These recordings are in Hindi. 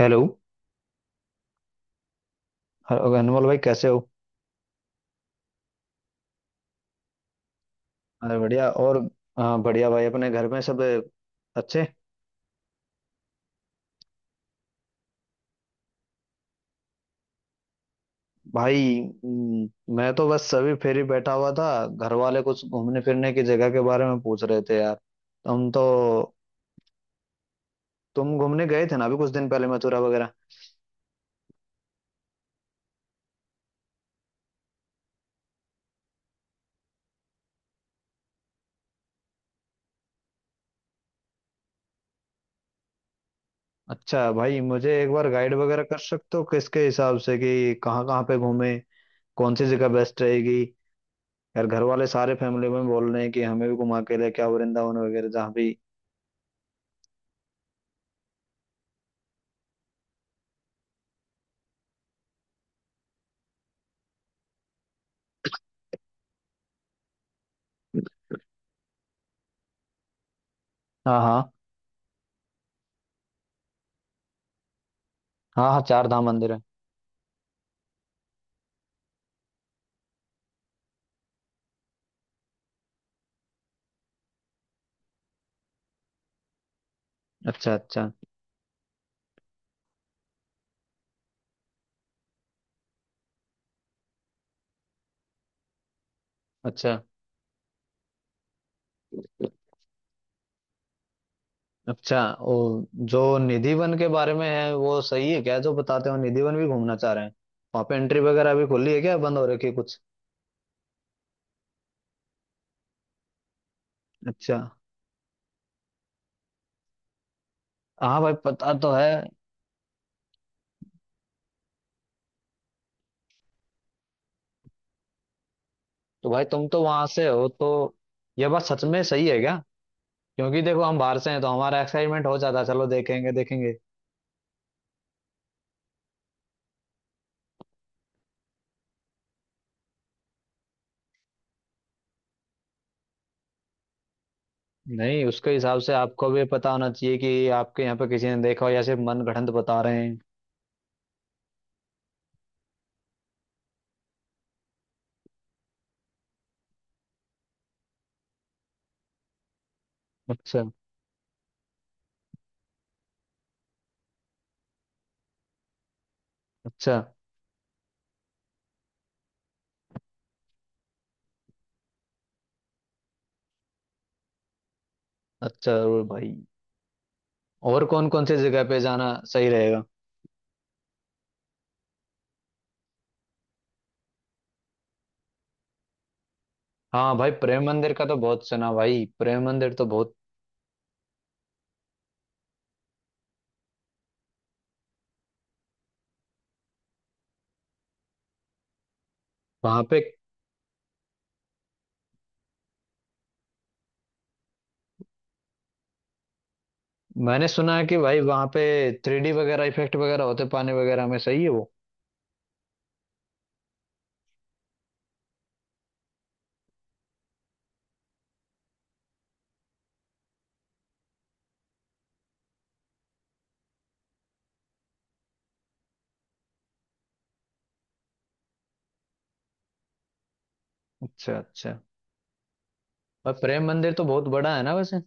हेलो। हेलो, अनमोल भाई, कैसे हो? अरे बढ़िया। और हाँ, बढ़िया भाई। अपने घर में सब अच्छे? भाई, मैं तो बस अभी फिर ही बैठा हुआ था। घर वाले कुछ घूमने फिरने की जगह के बारे में पूछ रहे थे, यार। तुम तो तुम घूमने गए थे ना, अभी कुछ दिन पहले मथुरा वगैरह? अच्छा भाई, मुझे एक बार गाइड वगैरह कर सकते हो, किसके हिसाब से कि कहाँ कहाँ पे घूमे, कौन सी जगह बेस्ट रहेगी? यार, घर वाले सारे फैमिली में बोल रहे हैं कि हमें भी घुमा के लेके आओ वृंदावन वगैरह, जहाँ भी। हाँ, हाँ। हाँ, हाँ, चार धाम मंदिर है। अच्छा, अच्छा। अच्छा, अच्छा, ओ। जो निधिवन के बारे में है वो सही है क्या, जो बताते हो? निधिवन भी घूमना चाह रहे हैं। वहां पे एंट्री वगैरह अभी खुली है क्या, बंद हो रखी है कुछ? अच्छा। हाँ भाई, पता तो है। तो भाई, तुम तो वहां से हो, तो यह बात सच में सही है क्या? क्योंकि देखो, हम बाहर से हैं तो हमारा एक्साइटमेंट हो जाता है, चलो देखेंगे देखेंगे। नहीं, उसके हिसाब से आपको भी पता होना चाहिए कि आपके यहाँ पे किसी ने देखा हो, या सिर्फ मनगढ़ंत बता रहे हैं। अच्छा, अच्छा। अच्छा, जरूर भाई। और कौन कौन से जगह पे जाना सही रहेगा? हाँ भाई, प्रेम मंदिर का तो बहुत सुना। भाई, प्रेम मंदिर तो बहुत वहां पे। मैंने सुना है कि भाई वहां पे 3D वगैरह इफेक्ट वगैरह होते पानी वगैरह में, सही है वो? अच्छा, अच्छा। भाई, प्रेम मंदिर तो बहुत बड़ा है ना वैसे?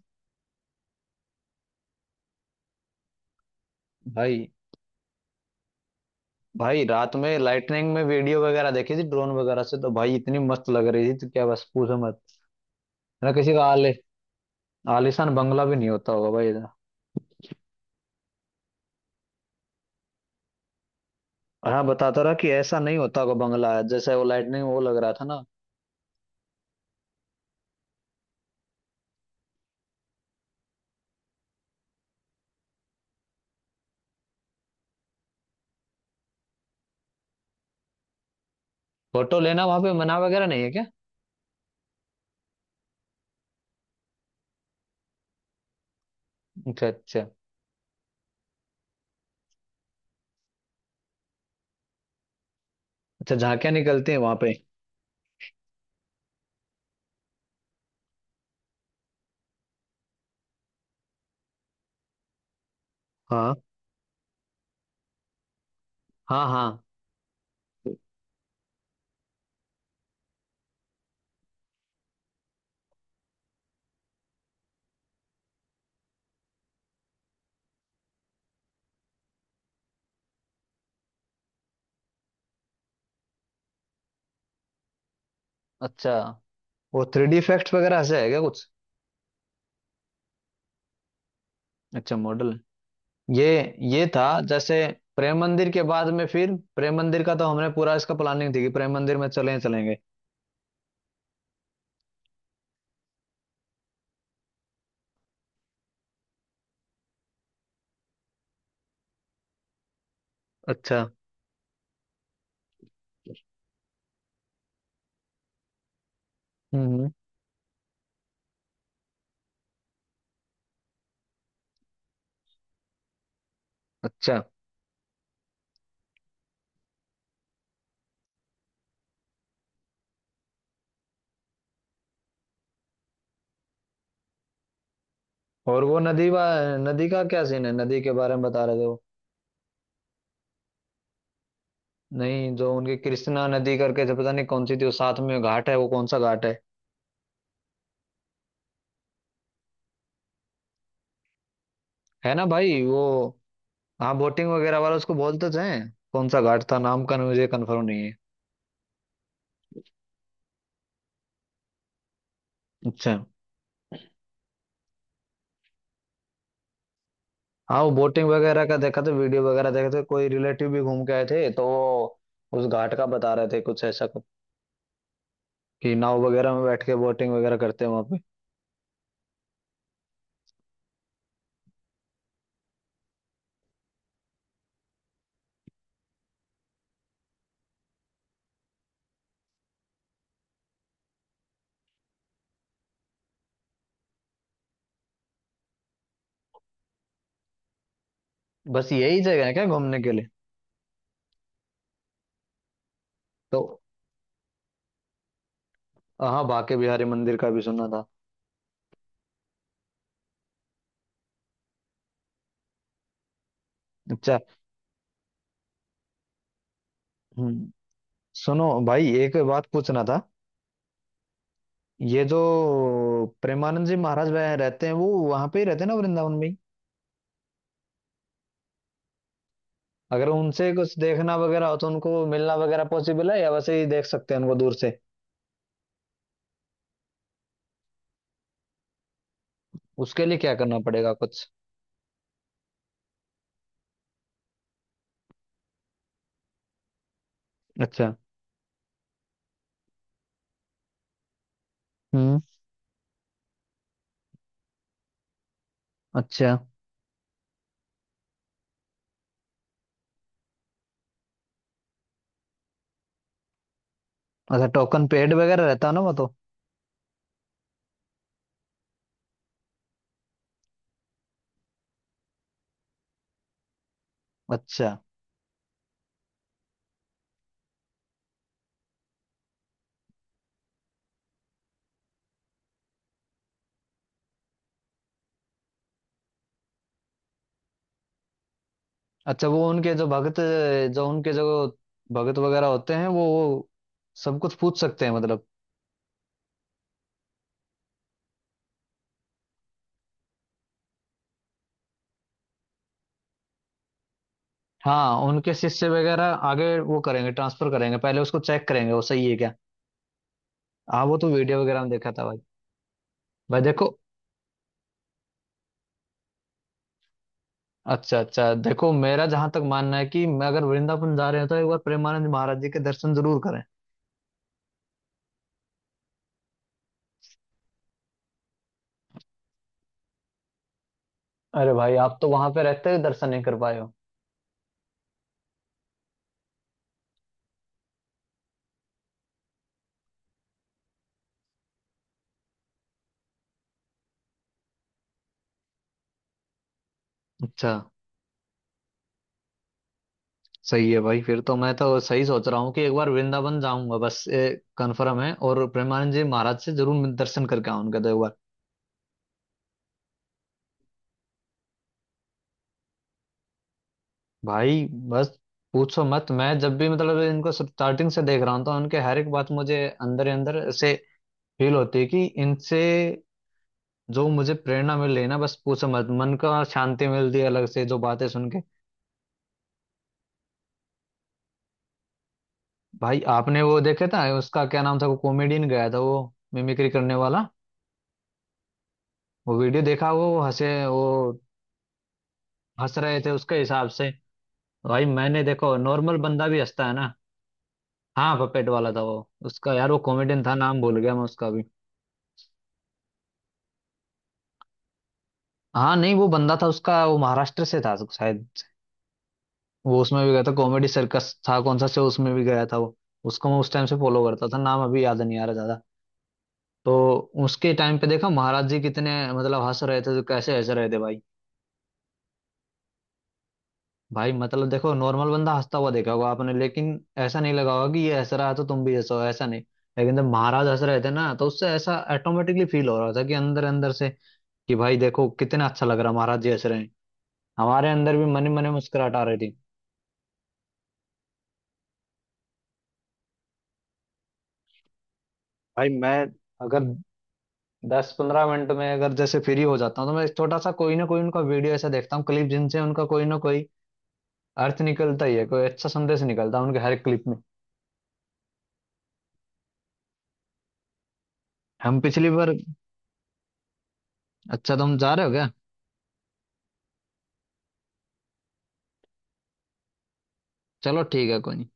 भाई, भाई, रात में लाइटनिंग में वीडियो वगैरह देखी थी ड्रोन वगैरह से, तो भाई इतनी मस्त लग रही थी तो क्या, बस पूछो मत। ना किसी का आले आलिशान बंगला भी नहीं होता होगा भाई इधर। और हाँ, बताता रहा कि ऐसा नहीं होता होगा बंगला, जैसे वो लाइटनिंग वो लग रहा था ना। फोटो लेना वहां पे मना वगैरह नहीं है क्या? अच्छा, अच्छा। अच्छा, झांकियां निकलती हैं वहां पे? हाँ, हाँ, हाँ। अच्छा, वो 3D इफेक्ट्स वगैरह से है क्या कुछ? अच्छा, मॉडल। ये ये था। जैसे प्रेम मंदिर के बाद में, फिर प्रेम मंदिर का तो हमने पूरा इसका प्लानिंग थी कि प्रेम मंदिर में चले चलेंगे। अच्छा। हम्म। अच्छा। और वो नदी नदी का क्या सीन है, नदी के बारे में बता रहे थे वो? नहीं, जो उनकी कृष्णा नदी करके, जो पता नहीं कौन सी थी, वो साथ में घाट है, वो कौन सा घाट है? है ना भाई, वो? हाँ, बोटिंग वगैरह वाला, उसको बोल तो जाए। कौन सा घाट था नाम का, मुझे कंफर्म नहीं है। अच्छा। हाँ, वो बोटिंग वगैरह का देखा था, वीडियो वगैरह देखे थे। कोई रिलेटिव भी घूम के आए थे तो वो उस घाट का बता रहे थे, कुछ ऐसा कुछ कि नाव वगैरह में बैठ के बोटिंग वगैरह करते हैं वहां पे। बस यही जगह है क्या घूमने के लिए? तो हाँ, बांके बिहारी मंदिर का भी सुना था। अच्छा। हम्म। सुनो भाई, एक बात पूछना था। ये जो प्रेमानंद जी महाराज वह रहते हैं, वो वहां पे ही रहते हैं ना, वृंदावन में ही? अगर उनसे कुछ देखना वगैरह हो तो उनको मिलना वगैरह पॉसिबल है, या वैसे ही देख सकते हैं उनको दूर से? उसके लिए क्या करना पड़ेगा कुछ? अच्छा। हम्म। अच्छा, अच्छा, टोकन पेड वगैरह रहता है ना वो तो? अच्छा, अच्छा। वो उनके जो भगत जो उनके जो भगत वगैरह होते हैं, वो सब कुछ पूछ सकते हैं, मतलब? हाँ, उनके शिष्य वगैरह आगे वो करेंगे, ट्रांसफर करेंगे, पहले उसको चेक करेंगे, वो सही है क्या? हाँ, वो तो वीडियो वगैरह में देखा था भाई। भाई देखो। अच्छा, अच्छा, देखो, मेरा जहां तक मानना है कि मैं, अगर वृंदावन जा रहे हो तो एक बार प्रेमानंद महाराज जी के दर्शन जरूर करें। अरे भाई, आप तो वहां पे रहते हुए दर्शन नहीं कर पाए हो? अच्छा, सही है भाई। फिर तो मैं तो सही सोच रहा हूँ कि एक बार वृंदावन जाऊंगा बस, कंफर्म है। और प्रेमानंद जी महाराज से जरूर मैं दर्शन करके आऊंगा, तो एक बार। भाई, बस पूछो मत। मैं जब भी, मतलब, इनको स्टार्टिंग से देख रहा हूँ तो उनके हर एक बात मुझे अंदर ही अंदर से फील होती है कि इनसे जो मुझे प्रेरणा मिल रही है ना, बस पूछो मत। मन का शांति मिलती है अलग से, जो बातें सुन के। भाई, आपने वो देखे था, उसका क्या नाम था वो कॉमेडियन, गया था वो मिमिक्री करने वाला, वो वीडियो देखा? वो हंसे, वो हंस रहे थे उसके हिसाब से। भाई, मैंने देखो, नॉर्मल बंदा भी हंसता है ना। हाँ, पपेट वाला था वो। उसका, यार, वो कॉमेडियन था, नाम भूल गया मैं उसका भी। हाँ। नहीं, वो बंदा था उसका, वो महाराष्ट्र से था शायद। वो उसमें भी गया था, कॉमेडी सर्कस था कौन सा शो, उसमें भी गया था वो। उसको मैं उस टाइम से फॉलो करता था, नाम अभी याद नहीं आ रहा ज्यादा। तो उसके टाइम पे देखा महाराज जी कितने, मतलब, हंस रहे थे, तो कैसे हंस रहे थे भाई। भाई, मतलब देखो, नॉर्मल बंदा हंसता हुआ देखा होगा आपने, लेकिन ऐसा नहीं लगा होगा कि ये हंस रहा है तो तुम भी हंसो, ऐसा नहीं। लेकिन जब महाराज हंस रहे थे ना, तो उससे ऐसा ऑटोमेटिकली फील हो रहा था कि अंदर अंदर से, कि भाई देखो कितना अच्छा लग रहा है, महाराज जी हंस रहे हैं। हमारे अंदर भी मन ही मन में मुस्कुराहट आ रही थी। भाई मैं, अगर 10-15 मिनट में अगर जैसे फ्री हो जाता हूँ, तो मैं छोटा सा कोई ना कोई उनका वीडियो ऐसा देखता हूँ, क्लिप, जिनसे उनका कोई ना कोई अर्थ निकलता ही है, कोई अच्छा संदेश निकलता है उनके हर क्लिप में। हम पिछली बार। अच्छा, तुम जा रहे हो क्या? चलो ठीक है, कोई नहीं।